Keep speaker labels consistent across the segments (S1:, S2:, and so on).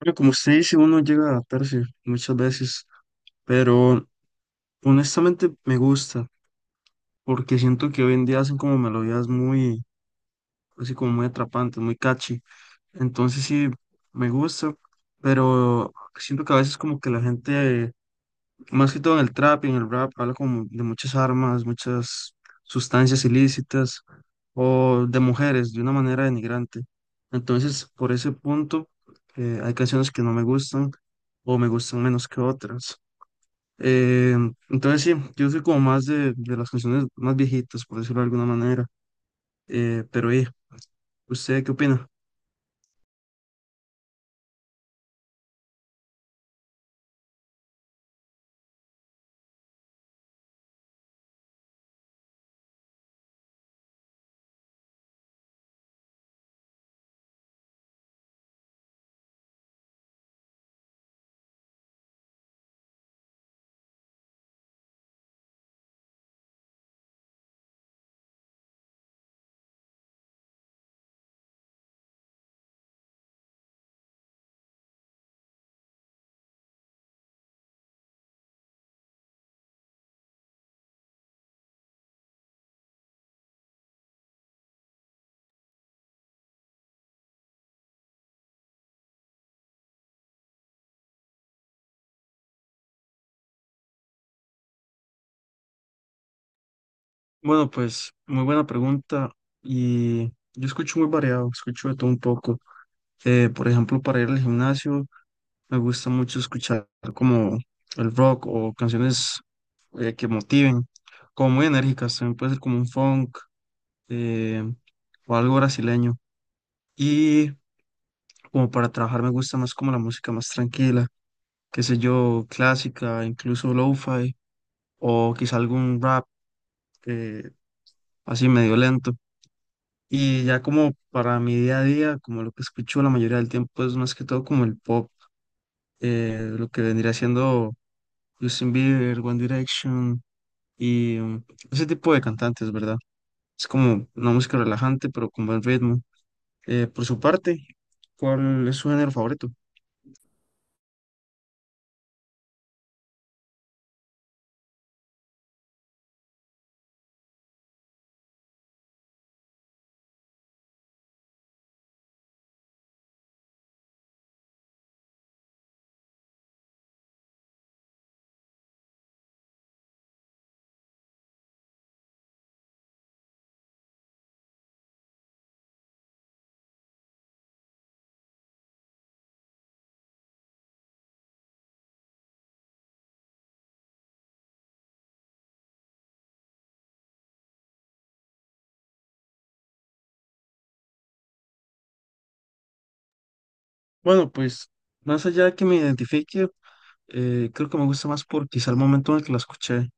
S1: Bueno, como usted dice, uno llega a adaptarse muchas veces, pero honestamente me gusta, porque siento que hoy en día hacen como melodías muy, así como muy atrapantes, muy catchy. Entonces sí, me gusta, pero siento que a veces como que la gente, más que todo en el trap y en el rap, habla como de muchas armas, muchas sustancias ilícitas o de mujeres de una manera denigrante. Entonces, por ese punto, hay canciones que no me gustan o me gustan menos que otras. Eh, entonces sí, yo soy como más de las canciones más viejitas, por decirlo de alguna manera. Eh, pero eh, ¿Usted qué opina? Bueno, pues muy buena pregunta y yo escucho muy variado, escucho de todo un poco. Por ejemplo, para ir al gimnasio me gusta mucho escuchar como el rock o canciones que motiven, como muy enérgicas, también puede ser como un funk eh, o algo brasileño. Y como para trabajar me gusta más como la música más tranquila, qué sé yo, clásica, incluso lo-fi, o quizá algún rap eh, así medio lento. Y ya como para mi día a día, como lo que escucho la mayoría del tiempo es más que todo como el pop, lo que vendría siendo Justin Bieber, One Direction y mm, ese tipo de cantantes, ¿verdad? Es como una música relajante, pero con buen ritmo. Por su parte, ¿cuál es su género favorito? Bueno, pues más allá de que me identifique, creo que me gusta más por quizá el momento en el que la escuché,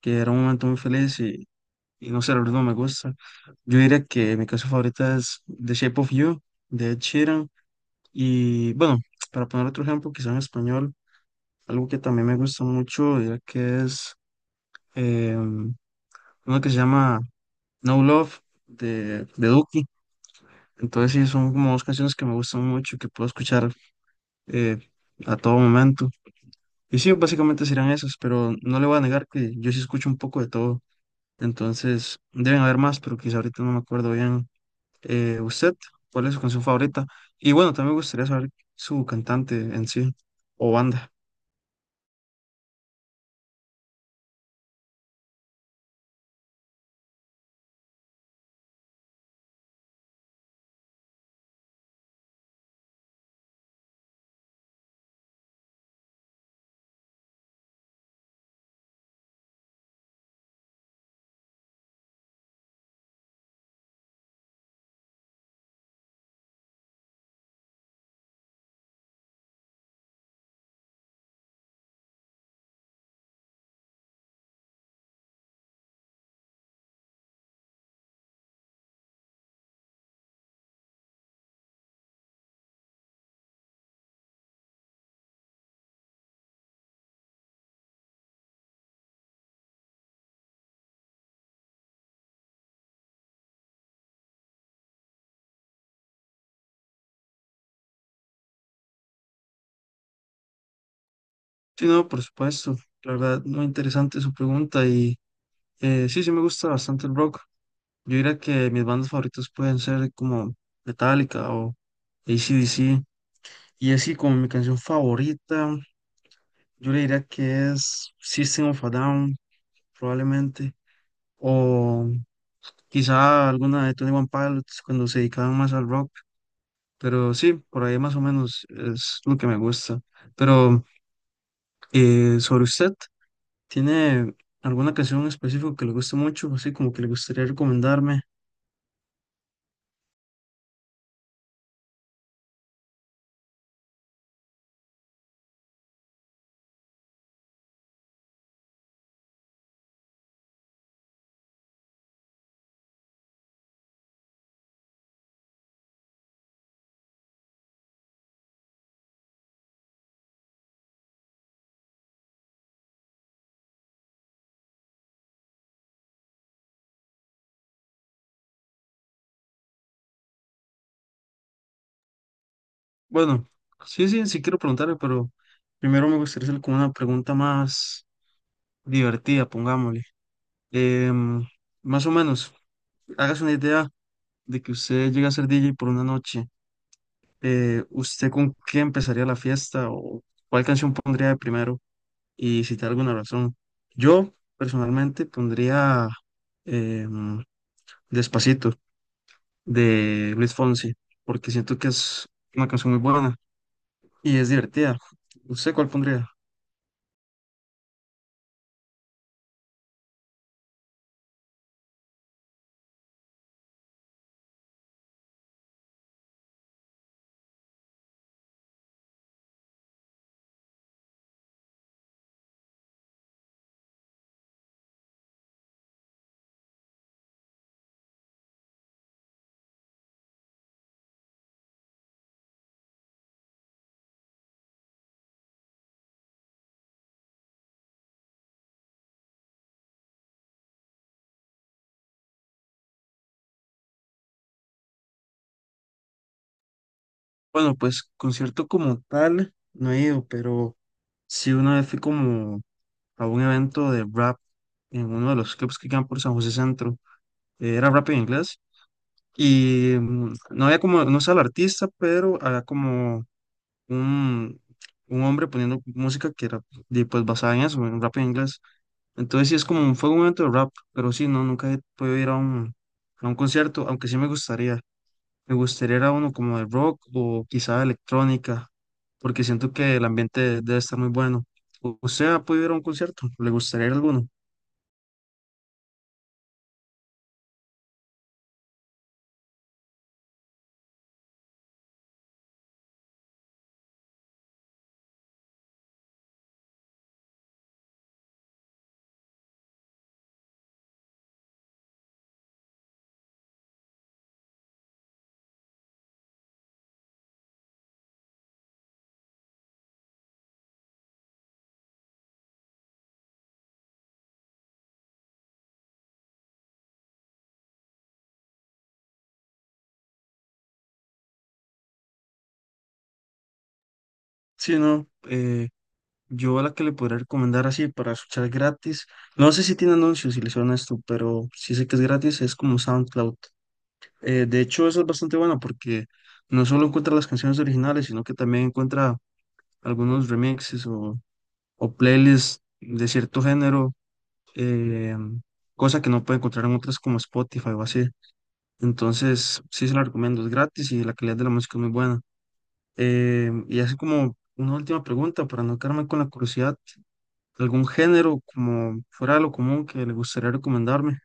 S1: que era un momento muy feliz y no sé, la verdad no me gusta. Yo diría que mi canción favorita es The Shape of You, de Ed Sheeran. Y bueno, para poner otro ejemplo, quizá en español, algo que también me gusta mucho, diría que es em, una que se llama No Love, de Duki. Entonces sí, son como dos canciones que me gustan mucho, que puedo escuchar eh, a todo momento. Y sí, básicamente serán esas, pero no le voy a negar que yo sí escucho un poco de todo. Entonces, deben haber más, pero quizá ahorita no me acuerdo bien. ¿Usted cuál es su canción favorita? Y bueno, también me gustaría saber su cantante en sí o banda. Sí, no, por supuesto. La verdad, muy interesante su pregunta y sí, sí me gusta bastante el rock. Yo diría que mis bandas favoritas pueden ser como Metallica o AC DC. Y así como mi canción favorita, yo le diría que es System of a Down, probablemente, o quizá alguna de Tony One Pilots cuando se dedicaban más al rock, pero sí, por ahí más o menos es lo que me gusta. Pero sobre usted, ¿tiene alguna canción en específico que le guste mucho? Así como que le gustaría recomendarme. Bueno, sí, sí, sí quiero preguntarle, pero primero me gustaría hacer como una pregunta más divertida, pongámosle. Em, más o menos, hágase una idea de que usted llega a ser DJ por una noche. ¿Usted con qué empezaría la fiesta o cuál canción pondría de primero y si te da alguna razón? Yo personalmente pondría em, Despacito de Luis Fonsi porque siento que es una canción muy buena y es divertida. ¿Usted cuál pondría? Bueno, pues concierto como tal no he ido, pero sí una vez fui como a un evento de rap en uno de los clubs que quedan por San José Centro. Era rap en inglés. Y mm, no había como, no sé al artista, pero había como un, un hombre poniendo música que era de, pues basada en eso, en rap en inglés. Entonces sí es como, fue un momento de rap, pero sí, no, nunca he podido ir a a un concierto, aunque sí me gustaría. Me gustaría ir a uno como de rock o quizá de electrónica, porque siento que el ambiente debe estar muy bueno. ¿Usted ha podido ir a un concierto? ¿Le gustaría ir a alguno? Sí, no. Yo la que le podría recomendar así para escuchar gratis, no sé si tiene anuncios si le suena esto, pero sí sé que es gratis, es como SoundCloud. De hecho, eso es bastante bueno porque no solo encuentra las canciones originales, sino que también encuentra algunos remixes o playlists de cierto género, eh, cosa que no puede encontrar en otras como Spotify o así. Entonces, sí se la recomiendo, es gratis y la calidad de la música es muy buena. Y así como una última pregunta para no quedarme con la curiosidad, algún género como fuera de lo común que le gustaría recomendarme.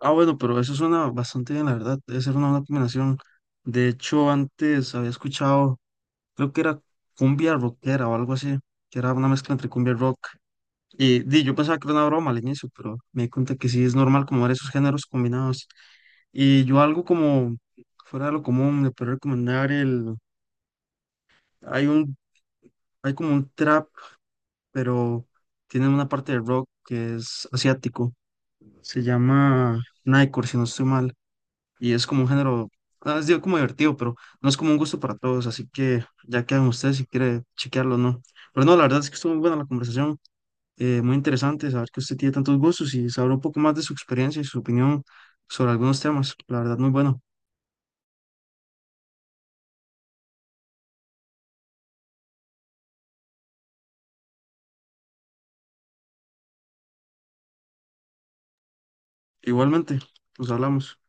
S1: Ah, bueno, pero eso suena bastante bien, la verdad. Debe ser una buena combinación. De hecho, antes había escuchado, creo que era cumbia rockera o algo así, que era una mezcla entre cumbia y rock. Y di, yo pensaba que era una broma al inicio, pero me di cuenta que sí es normal como ver esos géneros combinados. Y yo algo como fuera de lo común, le puedo recomendar el, hay un, hay como un trap, pero tiene una parte de rock que es asiático. Se llama Nightcore, si no estoy mal. Y es como un género, ah, es digo, como divertido, pero no es como un gusto para todos. Así que ya quedan ustedes si quiere chequearlo o no. Pero no, la verdad es que estuvo muy buena la conversación. Muy interesante saber que usted tiene tantos gustos y saber un poco más de su experiencia y su opinión sobre algunos temas. La verdad, muy bueno. Igualmente, nos hablamos.